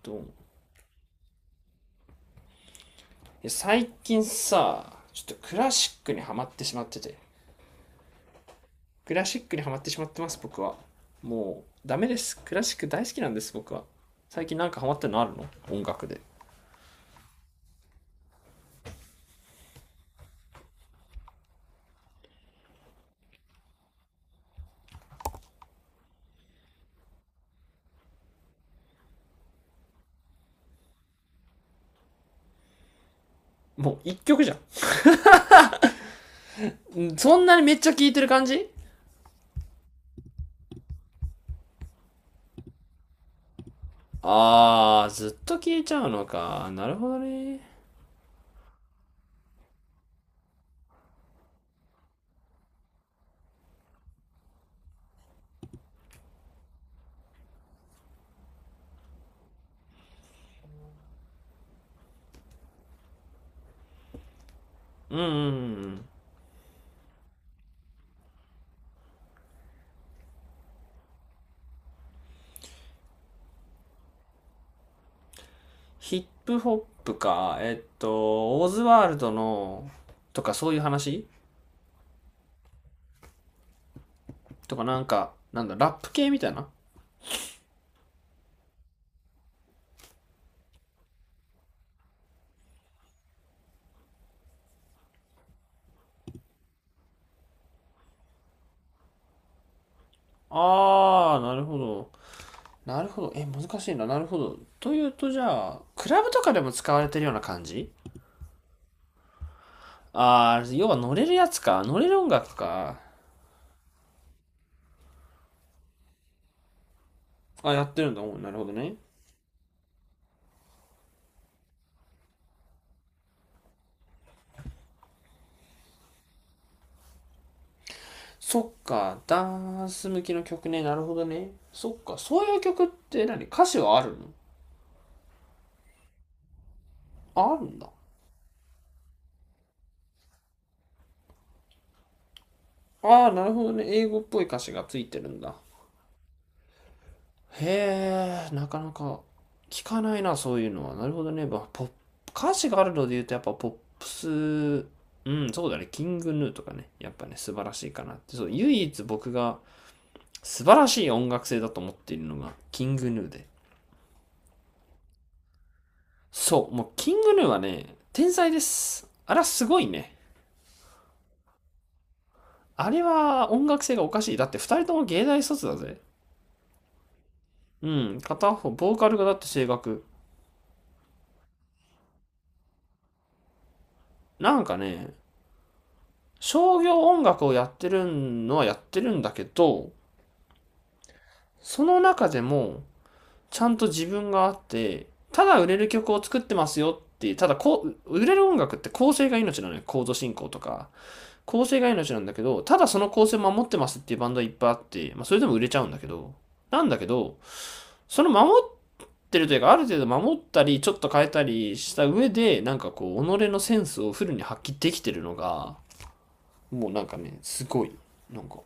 どう思う？最近さ、ちょっとクラシックにはまってしまってて。クラシックにはまってしまってます、僕は。もうダメです、クラシック大好きなんです僕は。最近なんかハマってるのあるの？音楽で。もう一曲じゃん、そんなにめっちゃ聴いてる感じ？あー、ずっと聴いちゃうのか、なるほどね。うんうんうん。ヒップホップか、オーズワールドのとかそういう話？とかなんか、なんだラップ系みたいな。あー、なるほど。なるほど。え、難しいな。なるほど。というと、じゃあ、クラブとかでも使われてるような感じ？ああ、要は乗れるやつか。乗れる音楽か。あ、やってるんだ。おう、なるほどね。そっか。ダンス向きの曲ね。なるほどね。そっか。そういう曲って何、歌詞はあるの？あ、あるんだ。ああ、なるほどね。英語っぽい歌詞がついてるんだ。へえ、なかなか聞かないな、そういうのは。なるほどね。まあ、ポップ、歌詞があるので言うと、やっぱポップス、うん、そうだね。キングヌーとかね。やっぱね、素晴らしいかなって。そう、唯一僕が素晴らしい音楽性だと思っているのが、キングヌーで。そう、もうキングヌーはね、天才です。あれはすごいね。あれは音楽性がおかしい。だって二人とも芸大卒だぜ。うん、片方、ボーカルがだって声楽。なんかね、商業音楽をやってるのはやってるんだけど、その中でも、ちゃんと自分があって、ただ売れる曲を作ってますよっていう、ただこう、売れる音楽って構成が命なのよ。コード進行とか。構成が命なんだけど、ただその構成を守ってますっていうバンドはいっぱいあって、まあそれでも売れちゃうんだけど、なんだけど、その守ってるというか、ある程度守ったり、ちょっと変えたりした上で、なんかこう、己のセンスをフルに発揮できてるのが、もうなんかね、すごい、なんか、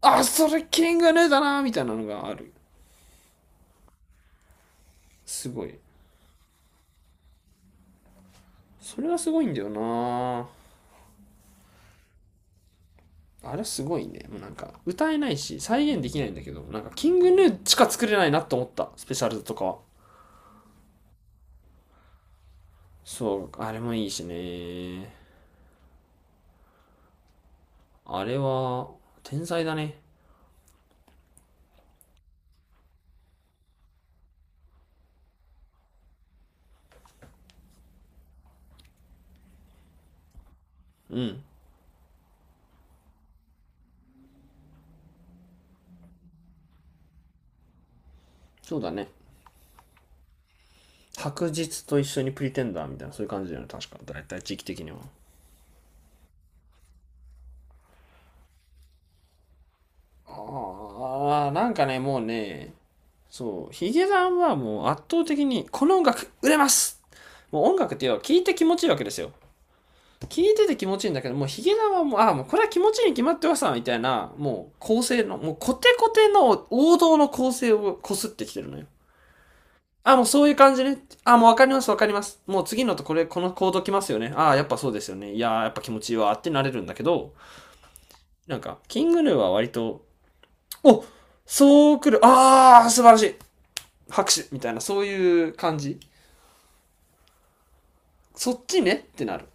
あ、それキングヌーだなみたいなのがある。すごい。それはすごいんだよな。あれすごいね。もうなんか、歌えないし、再現できないんだけど、なんか、キングヌーしか作れないなと思った。スペシャルとかは。そう、あれもいいしね。あれは、天才だね。うん、そうだね。白日と一緒にプリテンダーみたいな、そういう感じだよね。確か。だいたい時期的には。ああ、なんかね、もうね、そう、ヒゲダンはもう圧倒的に、この音楽売れます、もう音楽っていうのは聞いて気持ちいいわけですよ。聞いてて気持ちいいんだけど、もうヒゲダンはもう、ああ、もうこれは気持ちいいに決まってますみたいな、もう構成の、もうコテコテの王道の構成をこすってきてるのよ。ああ、もうそういう感じね。ああ、もうわかりますわかります。もう次のとこれ、このコード来ますよね。ああ、やっぱそうですよね。いやー、やっぱ気持ちいいわってなれるんだけど、なんか、キングヌーは割と、お、そう来る、ああ、素晴らしい、拍手みたいな、そういう感じ。そっちねってなる。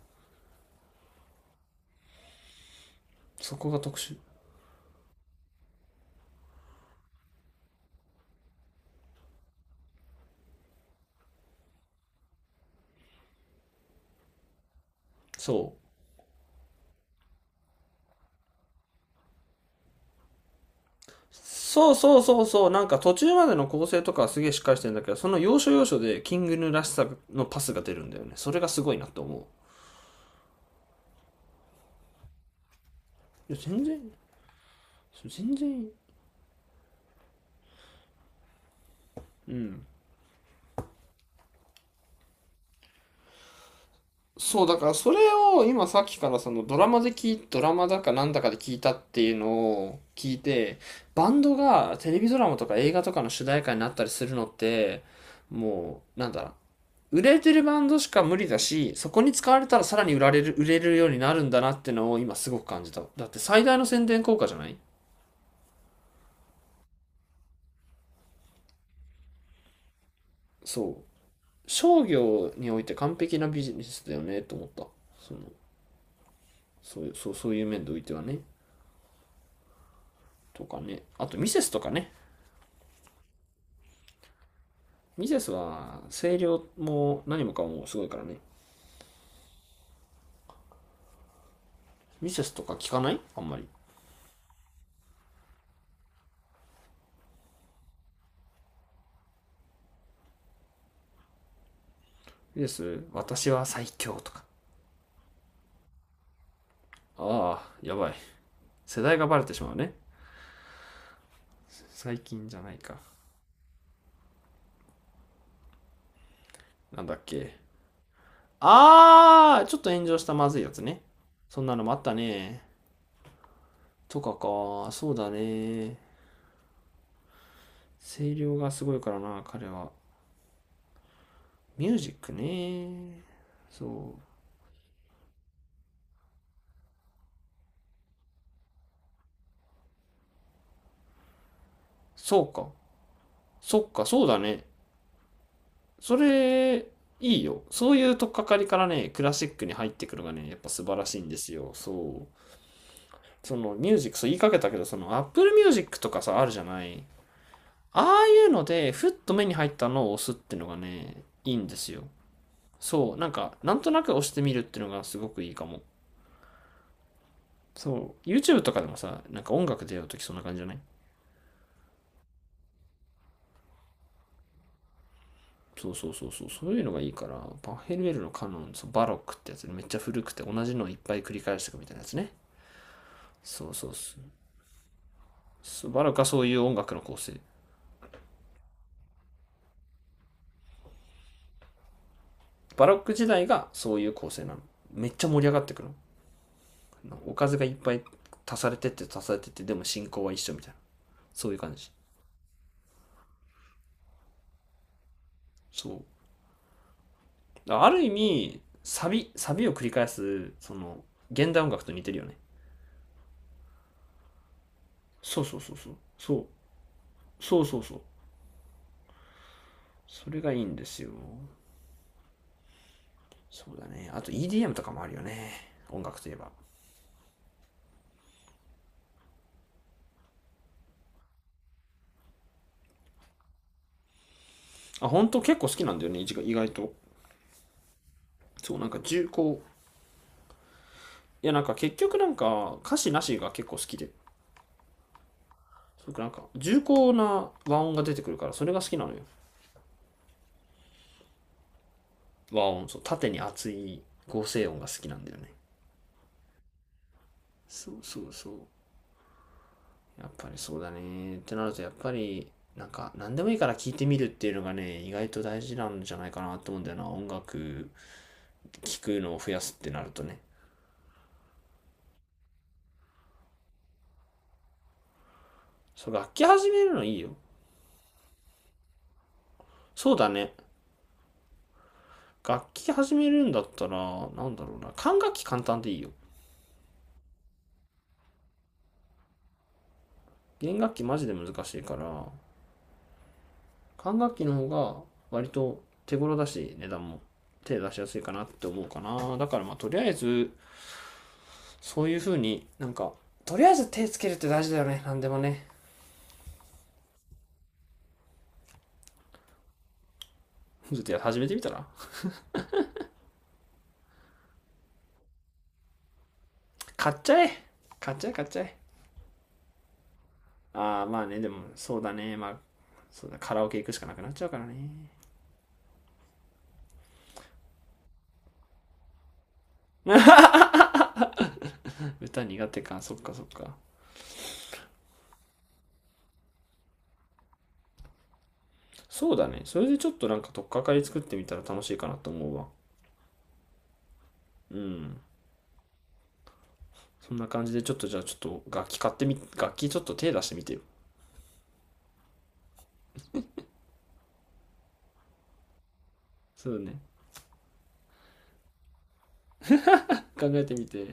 そこが特殊。そう。そうそうそうそう。なんか途中までの構成とかはすげえしっかりしてるんだけど、その要所要所でキングヌーらしさのパスが出るんだよね。それがすごいなって思う。いや、全然、全然いい。うん。そう、だからそれを今さっきからそのドラマで聞い、ドラマだかなんだかで聞いたっていうのを聞いて、バンドがテレビドラマとか映画とかの主題歌になったりするのって、もう、なんだ、売れてるバンドしか無理だし、そこに使われたらさらに売られる、売れるようになるんだなってのを今すごく感じた。だって最大の宣伝効果じゃない？そう。商業において完璧なビジネスだよねと思った。その、そういう、そうそういう面でおいてはね。とかね。あとミセスとかね。ミセスは声量も何もかもすごいからね。ミセスとか聞かないあんまり。ミセス、私は最強とか。ああ、やばい。世代がバレてしまうね。最近じゃないか。なんだっけ。あー、ちょっと炎上したまずいやつね。そんなのもあったね。とかか、そうだね。声量がすごいからな、彼は。ミュージックね。そう。そうか。そっか、そうだね。それ、いいよ。そういうとっかかりからね、クラシックに入ってくるのがね、やっぱ素晴らしいんですよ。そう。そのミュージック、そう言いかけたけど、その Apple Music とかさ、あるじゃない？ああいうので、ふっと目に入ったのを押すってのがね、いいんですよ。そう、なんか、なんとなく押してみるっていうのがすごくいいかも。そう、YouTube とかでもさ、なんか音楽出ようとき、そんな感じじゃない？そうそうそうそう、そういうのがいいから、パヘルエルのカノン、そうバロックってやつでめっちゃ古くて同じのをいっぱい繰り返していくみたいなやつね。そうそうそう。そうバロックはそういう音楽の構成。バロック時代がそういう構成なの。めっちゃ盛り上がってくの。おかずがいっぱい足されてって足されてって、でも進行は一緒みたいな。そういう感じ。そう。ある意味サビサビを繰り返すその現代音楽と似てるよね。そうそうそうそうそうそうそうそう。それがいいんですよ。そうだね、あと EDM とかもあるよね。音楽といえば。あ、本当結構好きなんだよね、意外、意外と。そう、なんか重厚、いや、なんか結局なんか歌詞なしが結構好きで、すご、なんか重厚な和音が出てくるからそれが好きなのよ。和音、そう縦に厚い合成音が好きなんだよね。そうそうそう。やっぱりそうだね。ってなると、やっぱり、なんか、何でもいいから聞いてみるっていうのがね、意外と大事なんじゃないかなと思うんだよな。音楽、聴くのを増やすってなるとね。そう、楽器始めるのいいよ。そうだね。楽器始めるんだったら、なんだろうな。管楽器簡単でいいよ。弦楽器マジで難しいから、管楽器の方が割と手頃だし、値段も手出しやすいかなって思うかな。だからまあ、とりあえず、そういう風になんか、とりあえず手つけるって大事だよね。何でもね。ちょっとや始めてみたら？買っちゃえ買っちゃえ買っちゃえ。ああまあね、でもそうだね、まあ、そうだ、カラオケ行くしかなくなっちゃうからね。歌苦手か、そっかそっか。そうだね、それでちょっとなんか取っかかり作ってみたら楽しいかなと思うわ。うん、そんな感じで、ちょっとじゃあちょっと楽器買ってみ、楽器ちょっと手出してみてよ。そうね、考えてみて。